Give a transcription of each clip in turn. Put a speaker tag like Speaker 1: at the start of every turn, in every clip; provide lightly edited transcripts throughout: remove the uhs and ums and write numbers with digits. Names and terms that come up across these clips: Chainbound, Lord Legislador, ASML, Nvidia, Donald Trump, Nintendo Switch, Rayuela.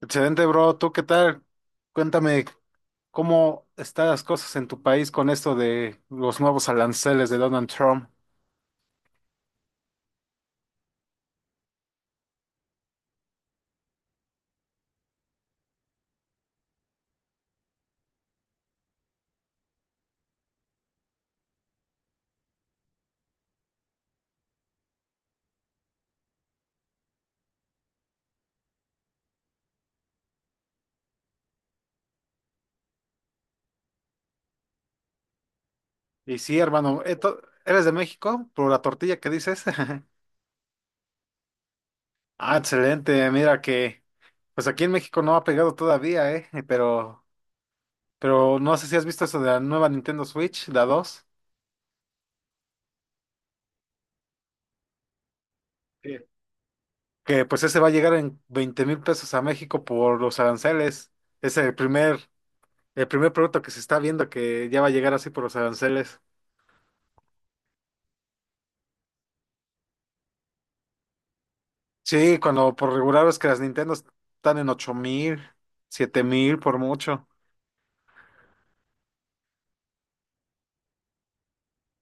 Speaker 1: Excelente, bro. ¿Tú qué tal? Cuéntame cómo están las cosas en tu país con esto de los nuevos aranceles de Donald Trump. Y sí, hermano, ¿eres de México? Por la tortilla que dices. Ah, excelente. Mira que, pues aquí en México no ha pegado todavía, ¿eh? Pero no sé si has visto eso de la nueva Nintendo Switch, la dos. Sí. Que pues ese va a llegar en 20,000 pesos a México por los aranceles. Es el primer producto que se está viendo que ya va a llegar así por los aranceles. Sí, cuando por regular ves que las Nintendo están en 8,000, 7,000 por mucho.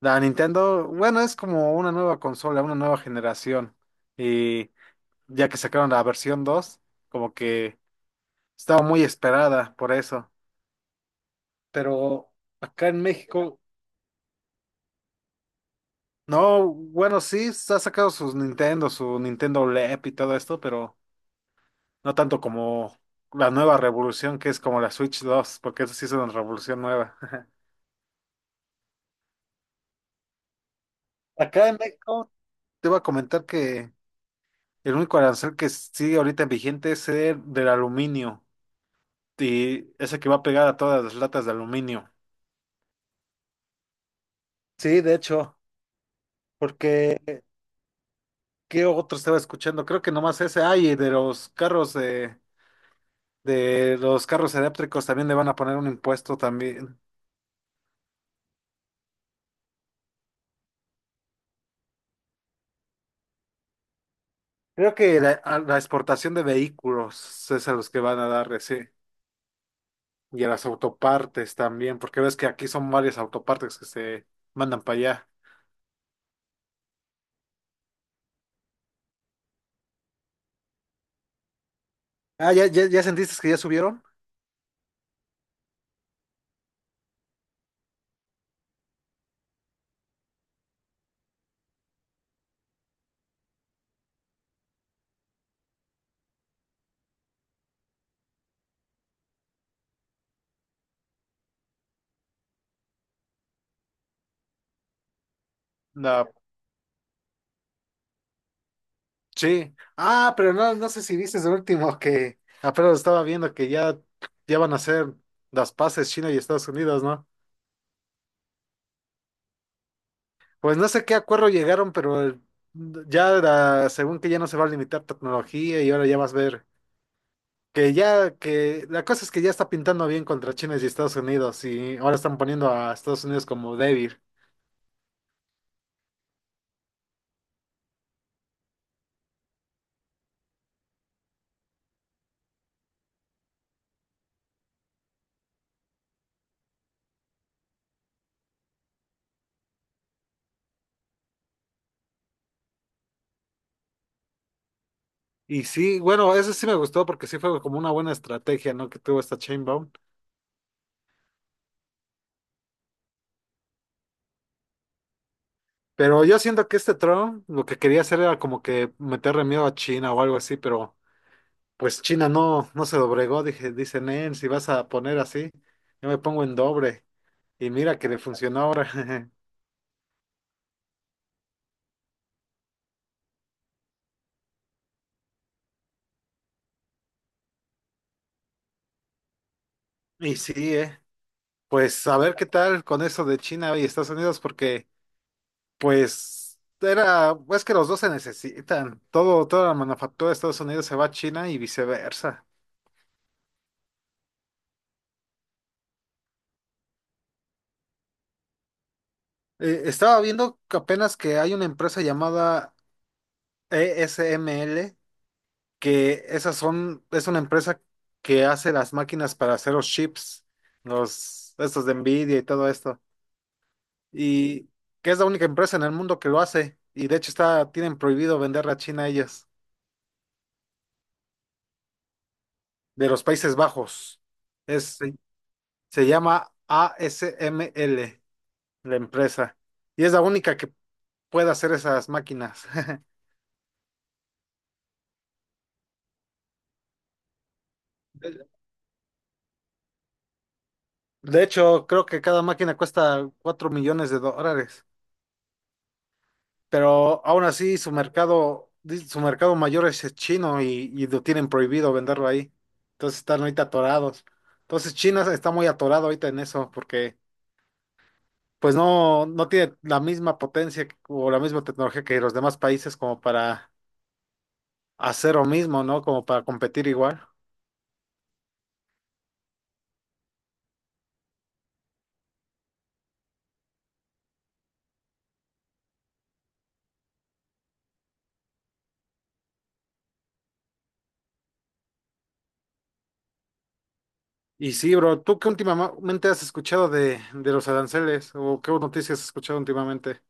Speaker 1: La Nintendo, bueno, es como una nueva consola, una nueva generación. Y ya que sacaron la versión 2, como que estaba muy esperada por eso. Pero acá en México, no, bueno, sí, se ha sacado sus Nintendo, su Nintendo LEP y todo esto, pero no tanto como la nueva revolución que es como la Switch dos, porque eso sí es una revolución nueva. Acá en México. Te iba a comentar que el único arancel que sigue ahorita en vigente es el del aluminio y ese que va a pegar a todas las latas de aluminio. Sí, de hecho, porque ¿qué otro estaba escuchando? Creo que nomás ese. Ay, y de los carros eléctricos también le van a poner un impuesto también. Creo que a la exportación de vehículos es a los que van a dar, sí. Y a las autopartes también, porque ves que aquí son varias autopartes que se mandan para allá. Ah, ¿ya sentiste que ya subieron? La, sí. Ah, pero no sé si viste el último que apenas estaba viendo que ya van a hacer las paces China y Estados Unidos, ¿no? Pues no sé qué acuerdo llegaron, pero según que ya no se va a limitar tecnología y ahora ya vas a ver que ya que la cosa es que ya está pintando bien contra China y Estados Unidos y ahora están poniendo a Estados Unidos como débil. Y sí, bueno, eso sí me gustó porque sí fue como una buena estrategia, ¿no? Que tuvo esta Chainbound. Pero yo siento que este Trump lo que quería hacer era como que meterle miedo a China o algo así, pero pues China no se doblegó, dice Nen, si vas a poner así, yo me pongo en doble. Y mira que le funcionó ahora. Y sí. Pues a ver qué tal con eso de China y Estados Unidos, porque pues es que los dos se necesitan. Toda la manufactura de Estados Unidos se va a China y viceversa. Estaba viendo que apenas que hay una empresa llamada ESML que es una empresa que hace las máquinas para hacer los chips, estos de Nvidia y todo esto, y que es la única empresa en el mundo que lo hace, y de hecho tienen prohibido venderla a China ellas, de los Países Bajos. Es, se se llama ASML, la empresa, y es la única que puede hacer esas máquinas. De de hecho, creo que cada máquina cuesta 4 millones de dólares. Pero aún así su mercado mayor es el chino y lo tienen prohibido venderlo ahí. Entonces están ahorita atorados. Entonces China está muy atorado ahorita en eso porque pues no tiene la misma potencia o la misma tecnología que los demás países como para hacer lo mismo, ¿no? Como para competir igual. Y sí, bro, ¿tú qué últimamente has escuchado de los aranceles o qué noticias has escuchado últimamente?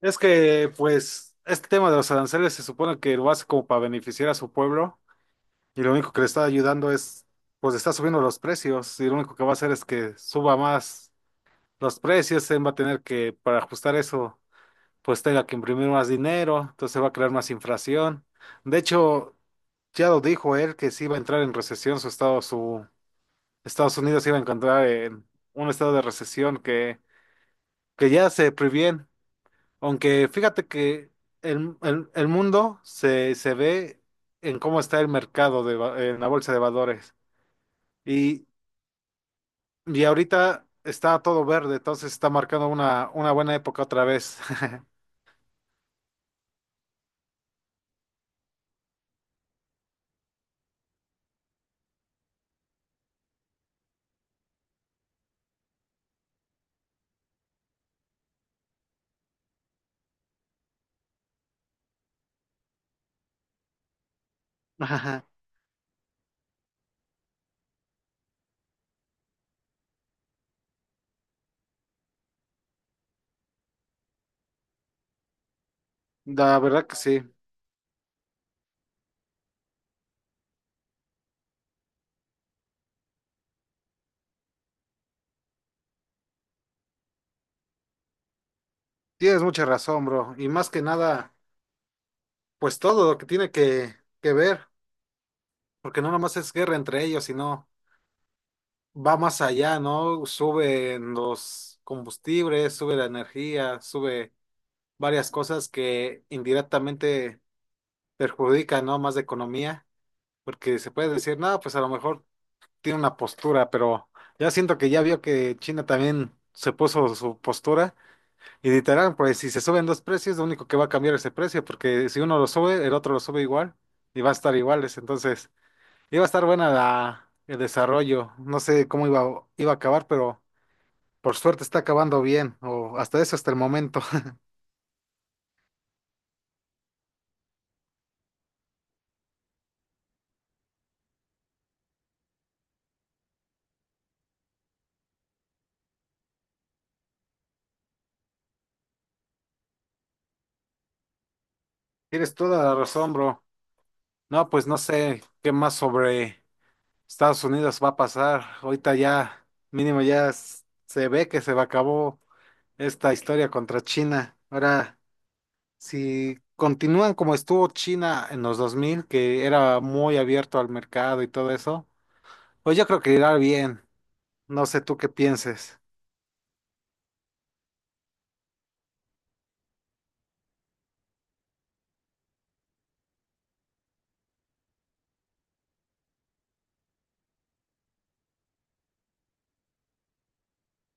Speaker 1: Es que, pues, este tema de los aranceles se supone que lo hace como para beneficiar a su pueblo, y lo único que le está ayudando es, pues está subiendo los precios y lo único que va a hacer es que suba más los precios, él va a tener que, para ajustar eso, pues tenga que imprimir más dinero, entonces va a crear más inflación. De hecho, ya lo dijo él que si iba a entrar en recesión su Estados Unidos se iba a encontrar en un estado de recesión que ya se previene. Aunque fíjate que el mundo se ve en cómo está el mercado en la bolsa de valores. Y, Y ahorita está todo verde, entonces está marcando una buena época otra vez. Ajá, la verdad que sí. Tienes mucha razón, bro. Y más que nada, pues todo lo que tiene que ver, porque no nomás es guerra entre ellos, sino va más allá, ¿no? Suben los combustibles, sube la energía, sube varias cosas que indirectamente perjudican, ¿no? Más de economía, porque se puede decir, no, pues a lo mejor tiene una postura, pero ya siento que ya vio que China también se puso su postura y literal, pues si se suben dos precios, lo único que va a cambiar es el precio, porque si uno lo sube, el otro lo sube igual y va a estar iguales, entonces iba a estar buena el desarrollo, no sé cómo iba a acabar, pero por suerte está acabando bien, o hasta eso, hasta el momento. Tienes toda la razón, bro. No, pues no sé qué más sobre Estados Unidos va a pasar. Ahorita ya, mínimo ya se ve que se va acabó esta historia contra China. Ahora, si continúan como estuvo China en los 2000 que era muy abierto al mercado y todo eso, pues yo creo que irá bien. No sé tú qué pienses.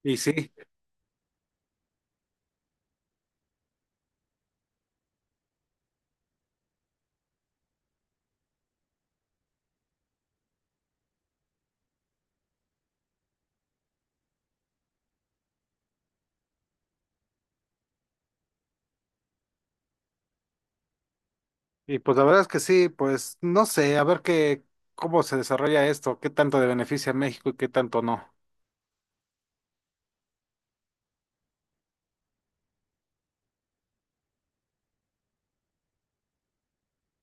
Speaker 1: Y sí, y pues la verdad es que sí, pues no sé, a ver cómo se desarrolla esto, qué tanto le beneficia a México y qué tanto no.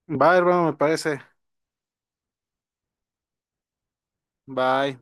Speaker 1: Bye, hermano, me parece. Bye.